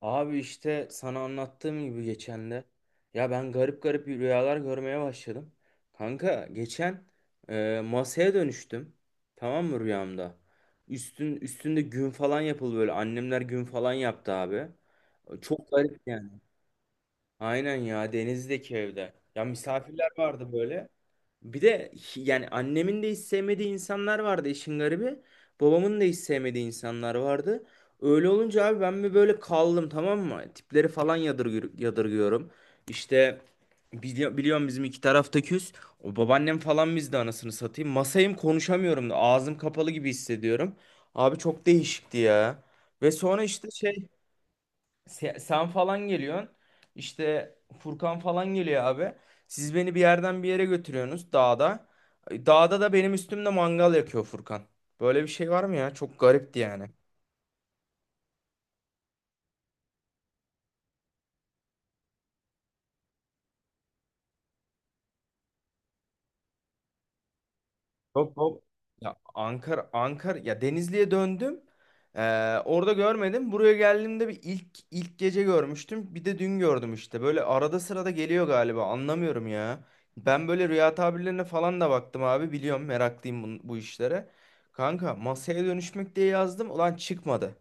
Abi işte sana anlattığım gibi geçen de ya ben garip garip rüyalar görmeye başladım. Kanka geçen, masaya dönüştüm. Tamam mı rüyamda? Üstün üstünde gün falan yapıldı böyle. Annemler gün falan yaptı abi. Çok garip yani. Aynen ya, denizdeki evde. Ya misafirler vardı böyle. Bir de yani annemin de hiç sevmediği insanlar vardı işin garibi. Babamın da hiç sevmediği insanlar vardı. Öyle olunca abi ben bir böyle kaldım, tamam mı? Tipleri falan yadırgıyorum. İşte biliyorum bizim iki tarafta küs. O babaannem falan bizde, anasını satayım. Masayım, konuşamıyorum da ağzım kapalı gibi hissediyorum. Abi çok değişikti ya. Ve sonra işte şey, sen falan geliyorsun. İşte Furkan falan geliyor abi. Siz beni bir yerden bir yere götürüyorsunuz dağda. Dağda da benim üstümde mangal yakıyor Furkan. Böyle bir şey var mı ya? Çok garipti yani. Yok, yok. Ya Ankara ya Denizli'ye döndüm. Orada görmedim. Buraya geldiğimde bir ilk, gece görmüştüm. Bir de dün gördüm işte. Böyle arada sırada geliyor galiba. Anlamıyorum ya. Ben böyle rüya tabirlerine falan da baktım abi. Biliyorum, meraklıyım bu işlere. Kanka masaya dönüşmek diye yazdım. Ulan çıkmadı.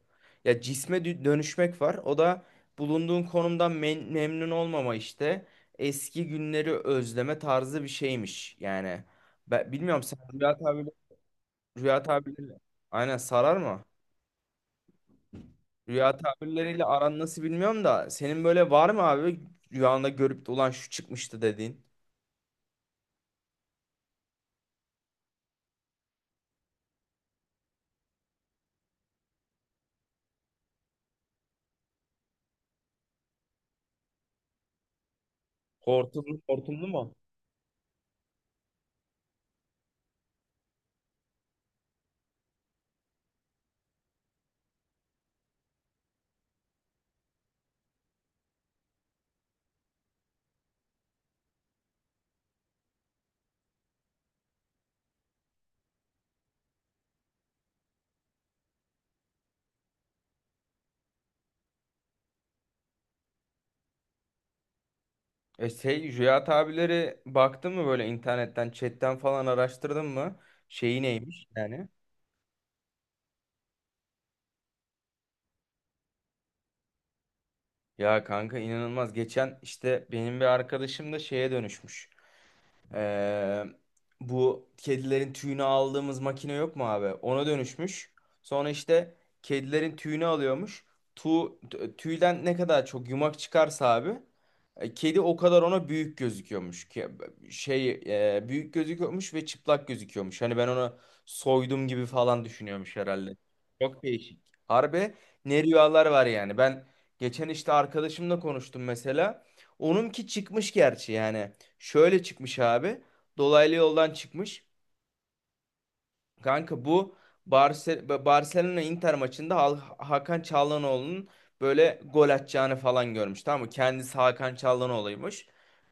Ya cisme dönüşmek var. O da bulunduğun konumdan memnun olmama işte. Eski günleri özleme tarzı bir şeymiş. Yani ben bilmiyorum, sen rüya tabirleri aynen sarar mı? Rüya tabirleriyle aran nasıl bilmiyorum da, senin böyle var mı abi rüyanda görüp de, ulan şu çıkmıştı dediğin? Hortumlu, hortumlu mu? Şey, rüya tabirleri baktın mı böyle, internetten, chatten falan araştırdın mı? Şeyi neymiş yani? Ya kanka, inanılmaz. Geçen işte benim bir arkadaşım da şeye dönüşmüş. Ee, Bu kedilerin tüyünü aldığımız makine yok mu abi? Ona dönüşmüş. Sonra işte kedilerin tüyünü alıyormuş. Tu, Tüyden ne kadar çok yumak çıkarsa abi, kedi o kadar ona büyük gözüküyormuş. Şey, büyük gözüküyormuş ve çıplak gözüküyormuş. Hani ben ona soydum gibi falan düşünüyormuş herhalde. Çok değişik. Harbi, ne rüyalar var yani. Ben geçen işte arkadaşımla konuştum mesela. Onunki çıkmış gerçi yani. Şöyle çıkmış abi. Dolaylı yoldan çıkmış. Kanka bu Barcelona Inter maçında Hakan Çalhanoğlu'nun böyle gol atacağını falan görmüş. Tamam mı? Kendisi Hakan Çalhanoğlu'ymuş.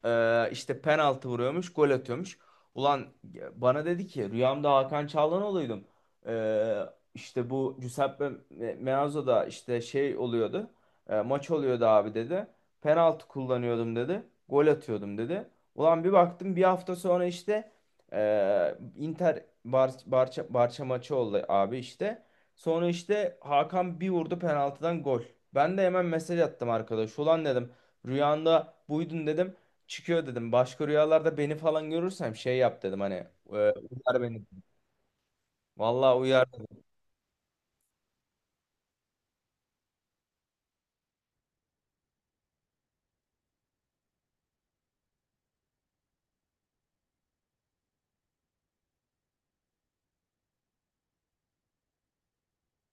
İşte penaltı vuruyormuş, gol atıyormuş. Ulan bana dedi ki, rüyamda Hakan Çalhanoğlu'ydum. Ee, işte bu Giuseppe Meazzo'da işte şey oluyordu. Maç oluyordu abi dedi. Penaltı kullanıyordum dedi. Gol atıyordum dedi. Ulan bir baktım bir hafta sonra işte, Inter Barça maçı oldu abi işte. Sonra işte Hakan bir vurdu penaltıdan, gol. Ben de hemen mesaj attım arkadaş. Ulan dedim, rüyanda buydun dedim. Çıkıyor dedim. Başka rüyalarda beni falan görürsem şey yap dedim hani, uyar beni. Vallahi uyar.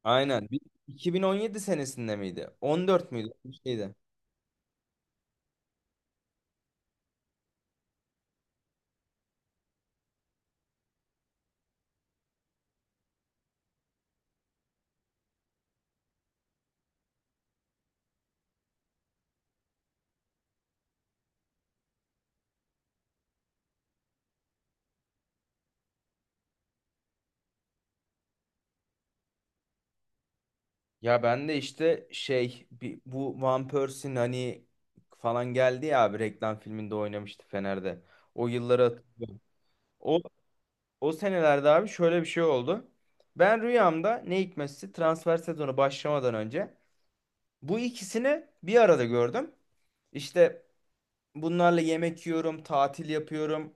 Aynen. 2017 senesinde miydi? 14 müydü? Bir şeydi. Ya ben de işte şey, bu Van Persie'nin hani falan geldi ya abi, reklam filminde oynamıştı Fener'de. O yılları hatırlıyorum. O, o senelerde abi şöyle bir şey oldu. Ben rüyamda ne hikmetse transfer sezonu başlamadan önce bu ikisini bir arada gördüm. İşte bunlarla yemek yiyorum, tatil yapıyorum.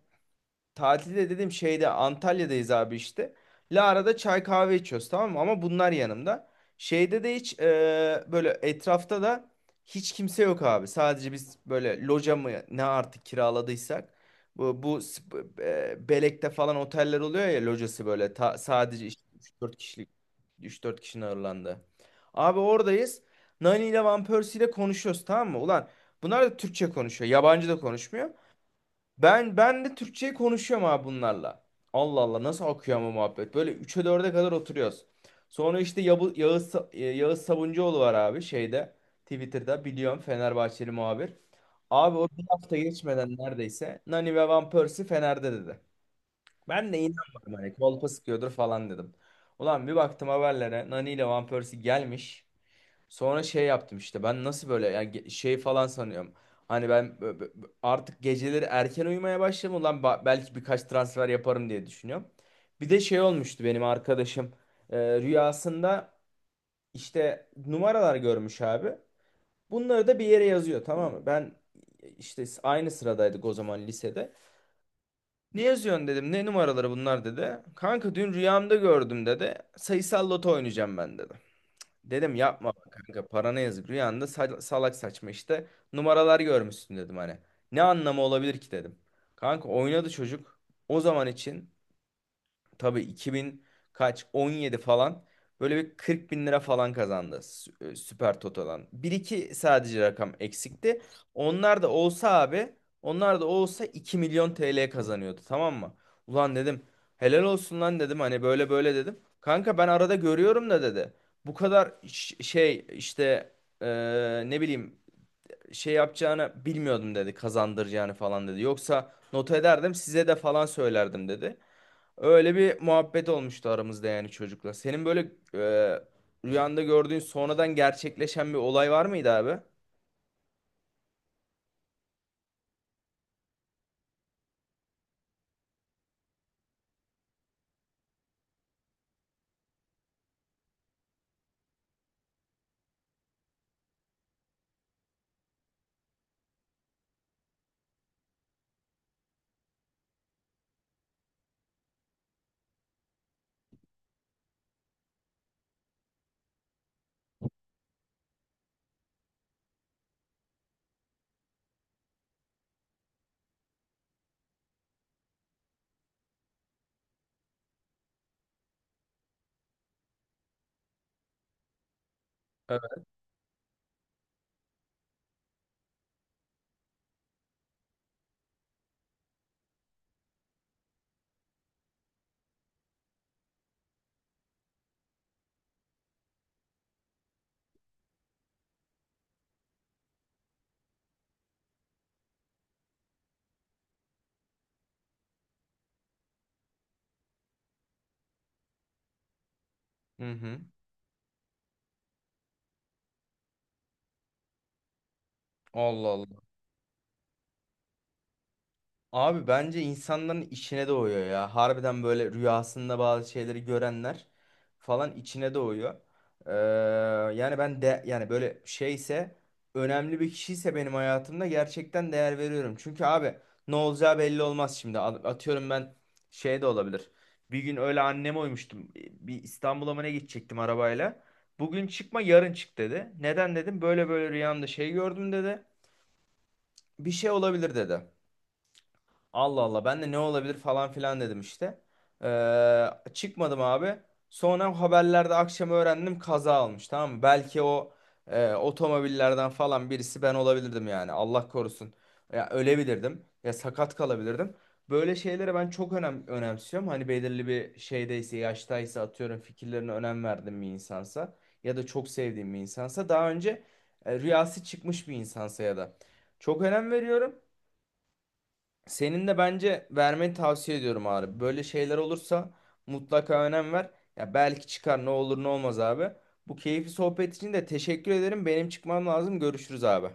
Tatilde dedim, şeyde Antalya'dayız abi işte. Lara'da çay kahve içiyoruz, tamam mı? Ama bunlar yanımda. Şeyde de hiç, böyle etrafta da hiç kimse yok abi. Sadece biz, böyle loca mı ne artık kiraladıysak. Belek'te falan oteller oluyor ya, locası böyle sadece işte 3-4 kişilik, üç dört kişinin ağırlandığı. Abi oradayız. Nani ile Van Persie ile konuşuyoruz, tamam mı? Ulan bunlar da Türkçe konuşuyor. Yabancı da konuşmuyor. Ben de Türkçeyi konuşuyorum abi bunlarla. Allah Allah, nasıl akıyor ama muhabbet. Böyle 3'e dörde kadar oturuyoruz. Sonra işte Yağız Sabuncuoğlu var abi, şeyde, Twitter'da, biliyorum Fenerbahçeli muhabir. Abi o bir hafta geçmeden neredeyse, Nani ve Van Persie Fener'de dedi. Ben de inanmadım, hani kolpa sıkıyordur falan dedim. Ulan bir baktım haberlere, Nani ile Van Persie gelmiş. Sonra şey yaptım işte, ben nasıl böyle yani, şey falan sanıyorum. Hani ben artık geceleri erken uyumaya başladım. Ulan belki birkaç transfer yaparım diye düşünüyorum. Bir de şey olmuştu benim arkadaşım. Rüyasında işte numaralar görmüş abi. Bunları da bir yere yazıyor, tamam mı? Ben, işte aynı sıradaydık o zaman lisede. Ne yazıyorsun dedim. Ne numaraları bunlar dedi. Kanka dün rüyamda gördüm dedi. Sayısal Loto oynayacağım ben dedi. Dedim yapma bak kanka, parana yazık, rüyanda salak saçma işte numaralar görmüşsün dedim hani. Ne anlamı olabilir ki dedim. Kanka oynadı çocuk, o zaman için tabii, 2000 kaç, 17 falan, böyle bir 40 bin lira falan kazandı Süper Toto'dan. Bir iki sadece rakam eksikti. Onlar da olsa abi, onlar da olsa 2 milyon TL kazanıyordu, tamam mı? Ulan dedim, helal olsun lan dedim, hani böyle böyle dedim. Kanka ben arada görüyorum da dedi. Bu kadar şey işte, e, ne bileyim şey yapacağını bilmiyordum dedi, kazandıracağını falan dedi. Yoksa not ederdim, size de falan söylerdim dedi. Öyle bir muhabbet olmuştu aramızda yani, çocukla. Senin böyle e, rüyanda gördüğün sonradan gerçekleşen bir olay var mıydı abi? Evet. Hı hı. Allah Allah. Abi bence insanların içine doğuyor ya. Harbiden böyle rüyasında bazı şeyleri görenler falan, içine doğuyor. Ee, Yani ben de yani böyle şeyse, önemli bir kişiyse benim hayatımda, gerçekten değer veriyorum. Çünkü abi, ne olacağı belli olmaz şimdi. Atıyorum, ben şey de olabilir. Bir gün öyle anneme uymuştum. Bir İstanbul'a mı ne gidecektim arabayla. Bugün çıkma, yarın çık dedi. Neden dedim, böyle böyle rüyamda şey gördüm dedi. Bir şey olabilir dedi. Allah Allah, ben de ne olabilir falan filan dedim işte. Ee, Çıkmadım abi. Sonra haberlerde akşam öğrendim, kaza almış, tamam mı? Belki o otomobillerden falan birisi ben olabilirdim yani, Allah korusun. Ya ölebilirdim, ya sakat kalabilirdim. Böyle şeylere ben çok önemsiyorum. Hani belirli bir şeydeyse, yaştaysa, atıyorum fikirlerine önem verdiğim bir insansa, ya da çok sevdiğim bir insansa, daha önce rüyası çıkmış bir insansa, ya da çok önem veriyorum. Senin de bence vermeni tavsiye ediyorum abi. Böyle şeyler olursa mutlaka önem ver. Ya belki çıkar, ne olur ne olmaz abi. Bu keyifli sohbet için de teşekkür ederim. Benim çıkmam lazım. Görüşürüz abi.